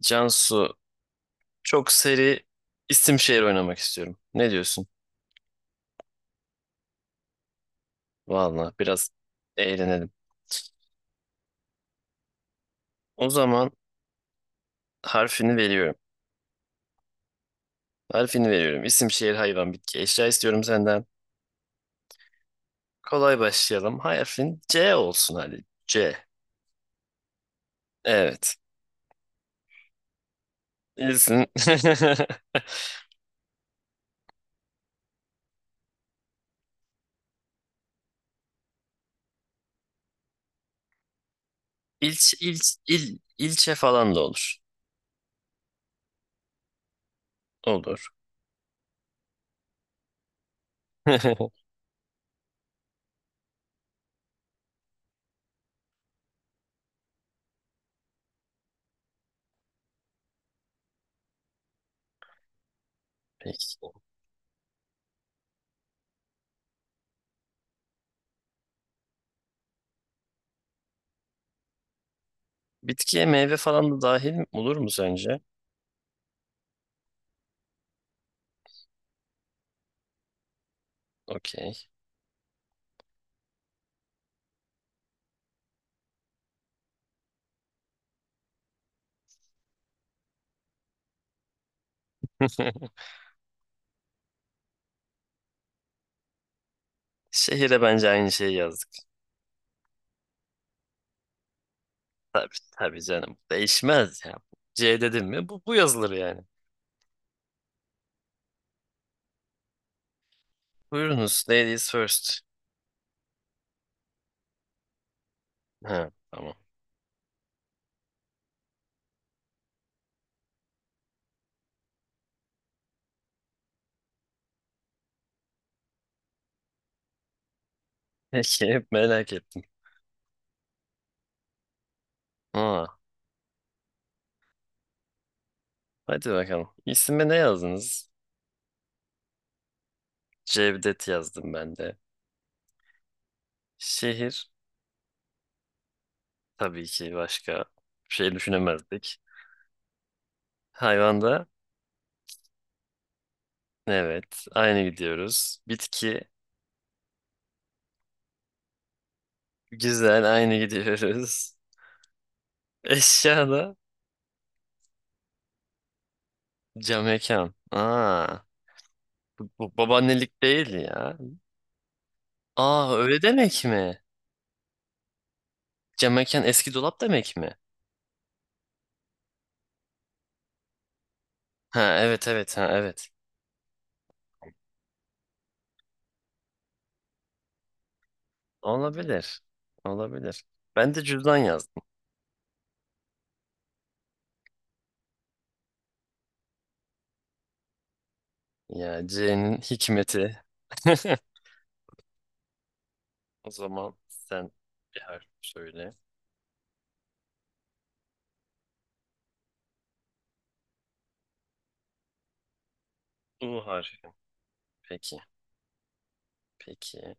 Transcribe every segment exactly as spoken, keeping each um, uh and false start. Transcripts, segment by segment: Cansu çok seri isim şehir oynamak istiyorum. Ne diyorsun? Vallahi biraz eğlenelim. O zaman harfini veriyorum. Harfini veriyorum. İsim şehir hayvan bitki eşya istiyorum senden. Kolay başlayalım. Harfin C olsun hadi. C. Evet. İlsin. İlç, ilç, il, ilçe falan da olur. Olur. Peki. Bitkiye meyve falan da dahil olur mu sence? Okey. Şehire bence aynı şeyi yazdık. Tabii tabii canım. Değişmez ya. C dedim mi bu, bu yazılır yani. Buyurunuz ladies first. Ha, tamam. Peki, hep merak ettim. Aa, hadi bakalım. İsme ne yazdınız? Cevdet yazdım ben de. Şehir, tabii ki başka bir şey düşünemezdik. Hayvanda evet, aynı gidiyoruz. Bitki, güzel, aynı gidiyoruz. Eşyada cam mekan. Aa, bu babaannelik değil ya. Aa, öyle demek mi? Cam mekan eski dolap demek mi? Ha evet, evet, ha evet. Olabilir. Olabilir. Ben de cüzdan yazdım. Ya, C'nin hikmeti. O zaman sen bir harf söyle. U harfi. Peki. Peki.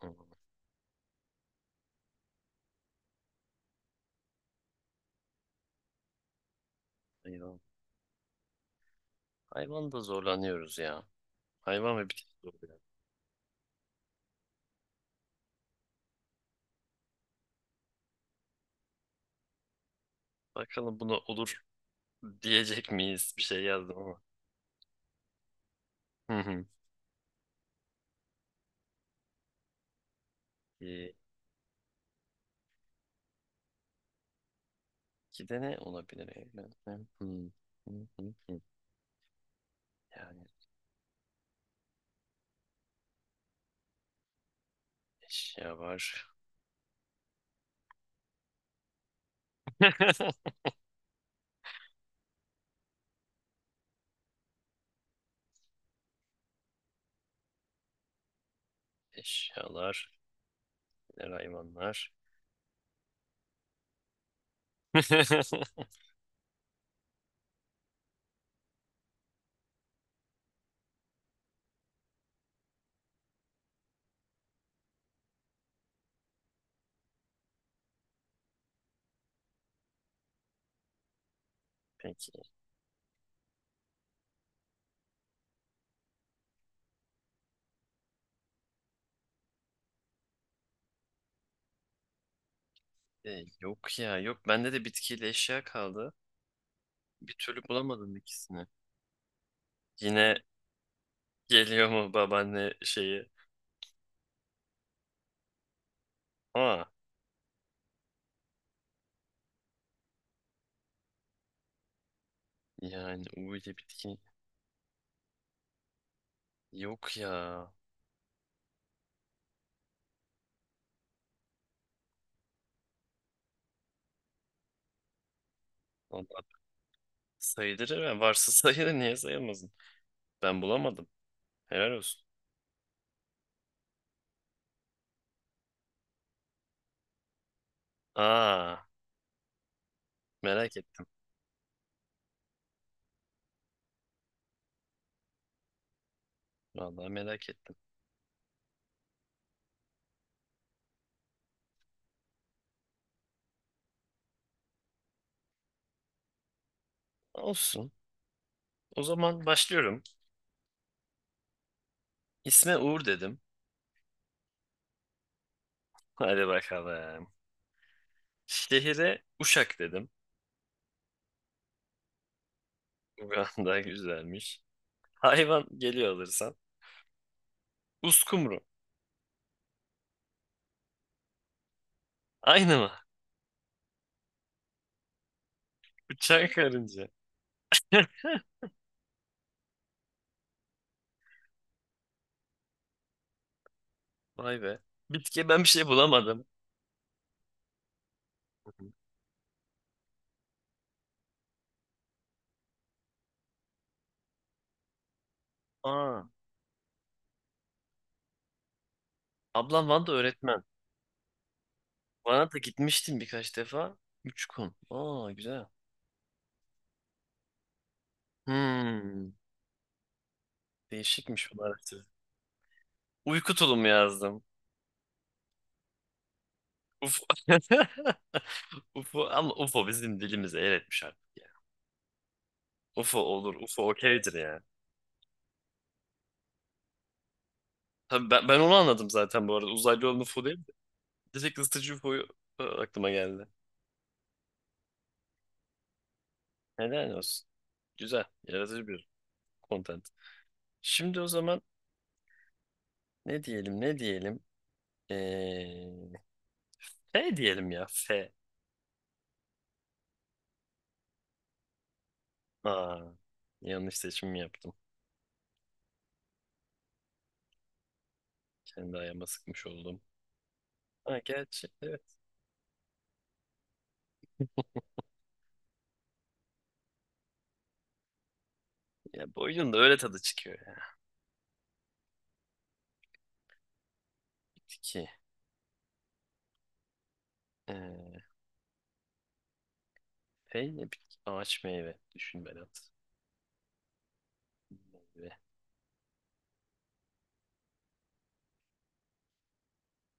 Hmm, Hayvan. Hayvan da zorlanıyoruz ya. Hayvan ve bitki zor biraz. Bakalım buna olur diyecek miyiz? Bir şey yazdım ama. Hı hı. Ee, İki de ne olabilir? Hı hı hı hı. Yani eşya var. Eşyalar, neler hayvanlar. Peki. E, yok ya, yok. Bende de bitkiyle eşya kaldı. Bir türlü bulamadım ikisini. Yine geliyor mu babaanne şeyi? Aa, yani U ile bitki. Yok ya. Vallahi sayılır ya. Varsa sayılır. Niye sayılmasın? Ben bulamadım. Helal olsun. Aa, merak ettim. Vallahi merak ettim. Olsun. O zaman başlıyorum. İsme Uğur dedim. Hadi bakalım. Şehire Uşak dedim. Uganda güzelmiş. Hayvan geliyor alırsan. Uskumru. Aynı mı? Bıçak karınca. Vay be. Bitki, ben bir şey bulamadım. Aa, ablam Van'da öğretmen. Van'a da gitmiştim birkaç defa. Üç gün. Aa, güzel. Hmm, değişikmiş bu araştırma. Uyku tulumu yazdım. Ufo. Ufo, ama Ufo bizim dilimize el etmiş artık ya. Ufo olur. Ufo okeydir ya. Tabii ben, ben onu anladım zaten bu arada. Uzaylı olan Ufo değil. Direkt ısıtıcı u f o'yu aklıma geldi. Neden olsun. Güzel. Yaratıcı bir content. Şimdi o zaman ne diyelim, ne diyelim. Ee, F diyelim ya. F. Aa, yanlış seçim yaptım. Kendi ayağıma sıkmış oldum. Ha, gerçi evet. Ya, bu oyunun da öyle tadı çıkıyor ya. Bitki. Ee, F ne bitki. Ağaç, meyve. Düşün Berat. Meyve.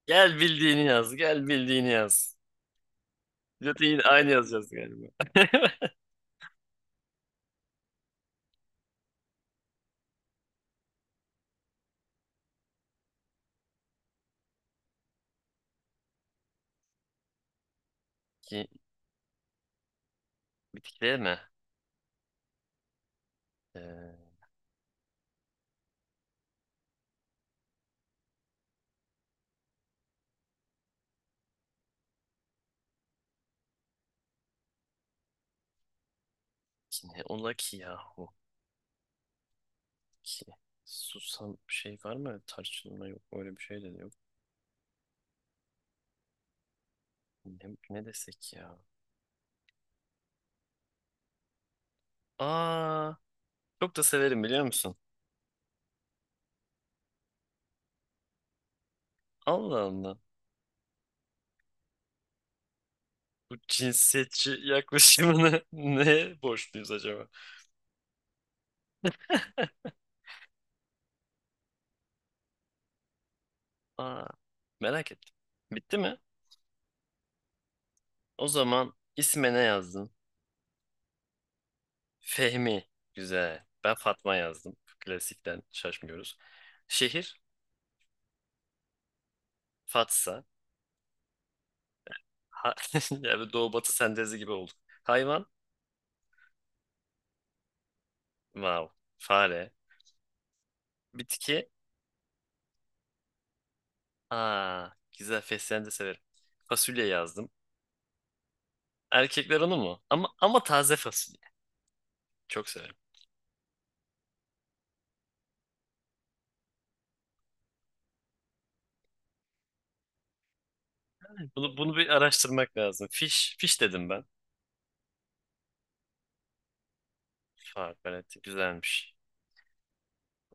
Gel bildiğini yaz. Gel bildiğini yaz. Zaten yine aynı yazacağız galiba. Bitki, bitkiler mi? Ee, Ki ne ola ki yahu, ki susam şey var mı, tarçınma yok, öyle bir şey de yok. Ne, ne desek ya. Aa, çok da severim, biliyor musun? Allah Allah, bu cinsiyetçi yaklaşımını neye borçluyuz acaba? Aa, merak ettim. Bitti mi? O zaman isme ne yazdın? Fehmi. güzel. Ben Fatma yazdım, klasikten şaşmıyoruz. Şehir Fatsa. Ha, yani doğu batı sentezi gibi olduk. Hayvan. Wow. Fare. Bitki. Aa, güzel, fesleğen de severim. Fasulye yazdım. Erkekler onu mu? Ama ama taze fasulye. Çok severim. Bunu bunu bir araştırmak lazım. Fiş, fiş dedim ben. Fark, güzelmiş.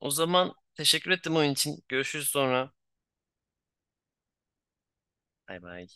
O zaman teşekkür ettim oyun için. Görüşürüz sonra. Bay bay.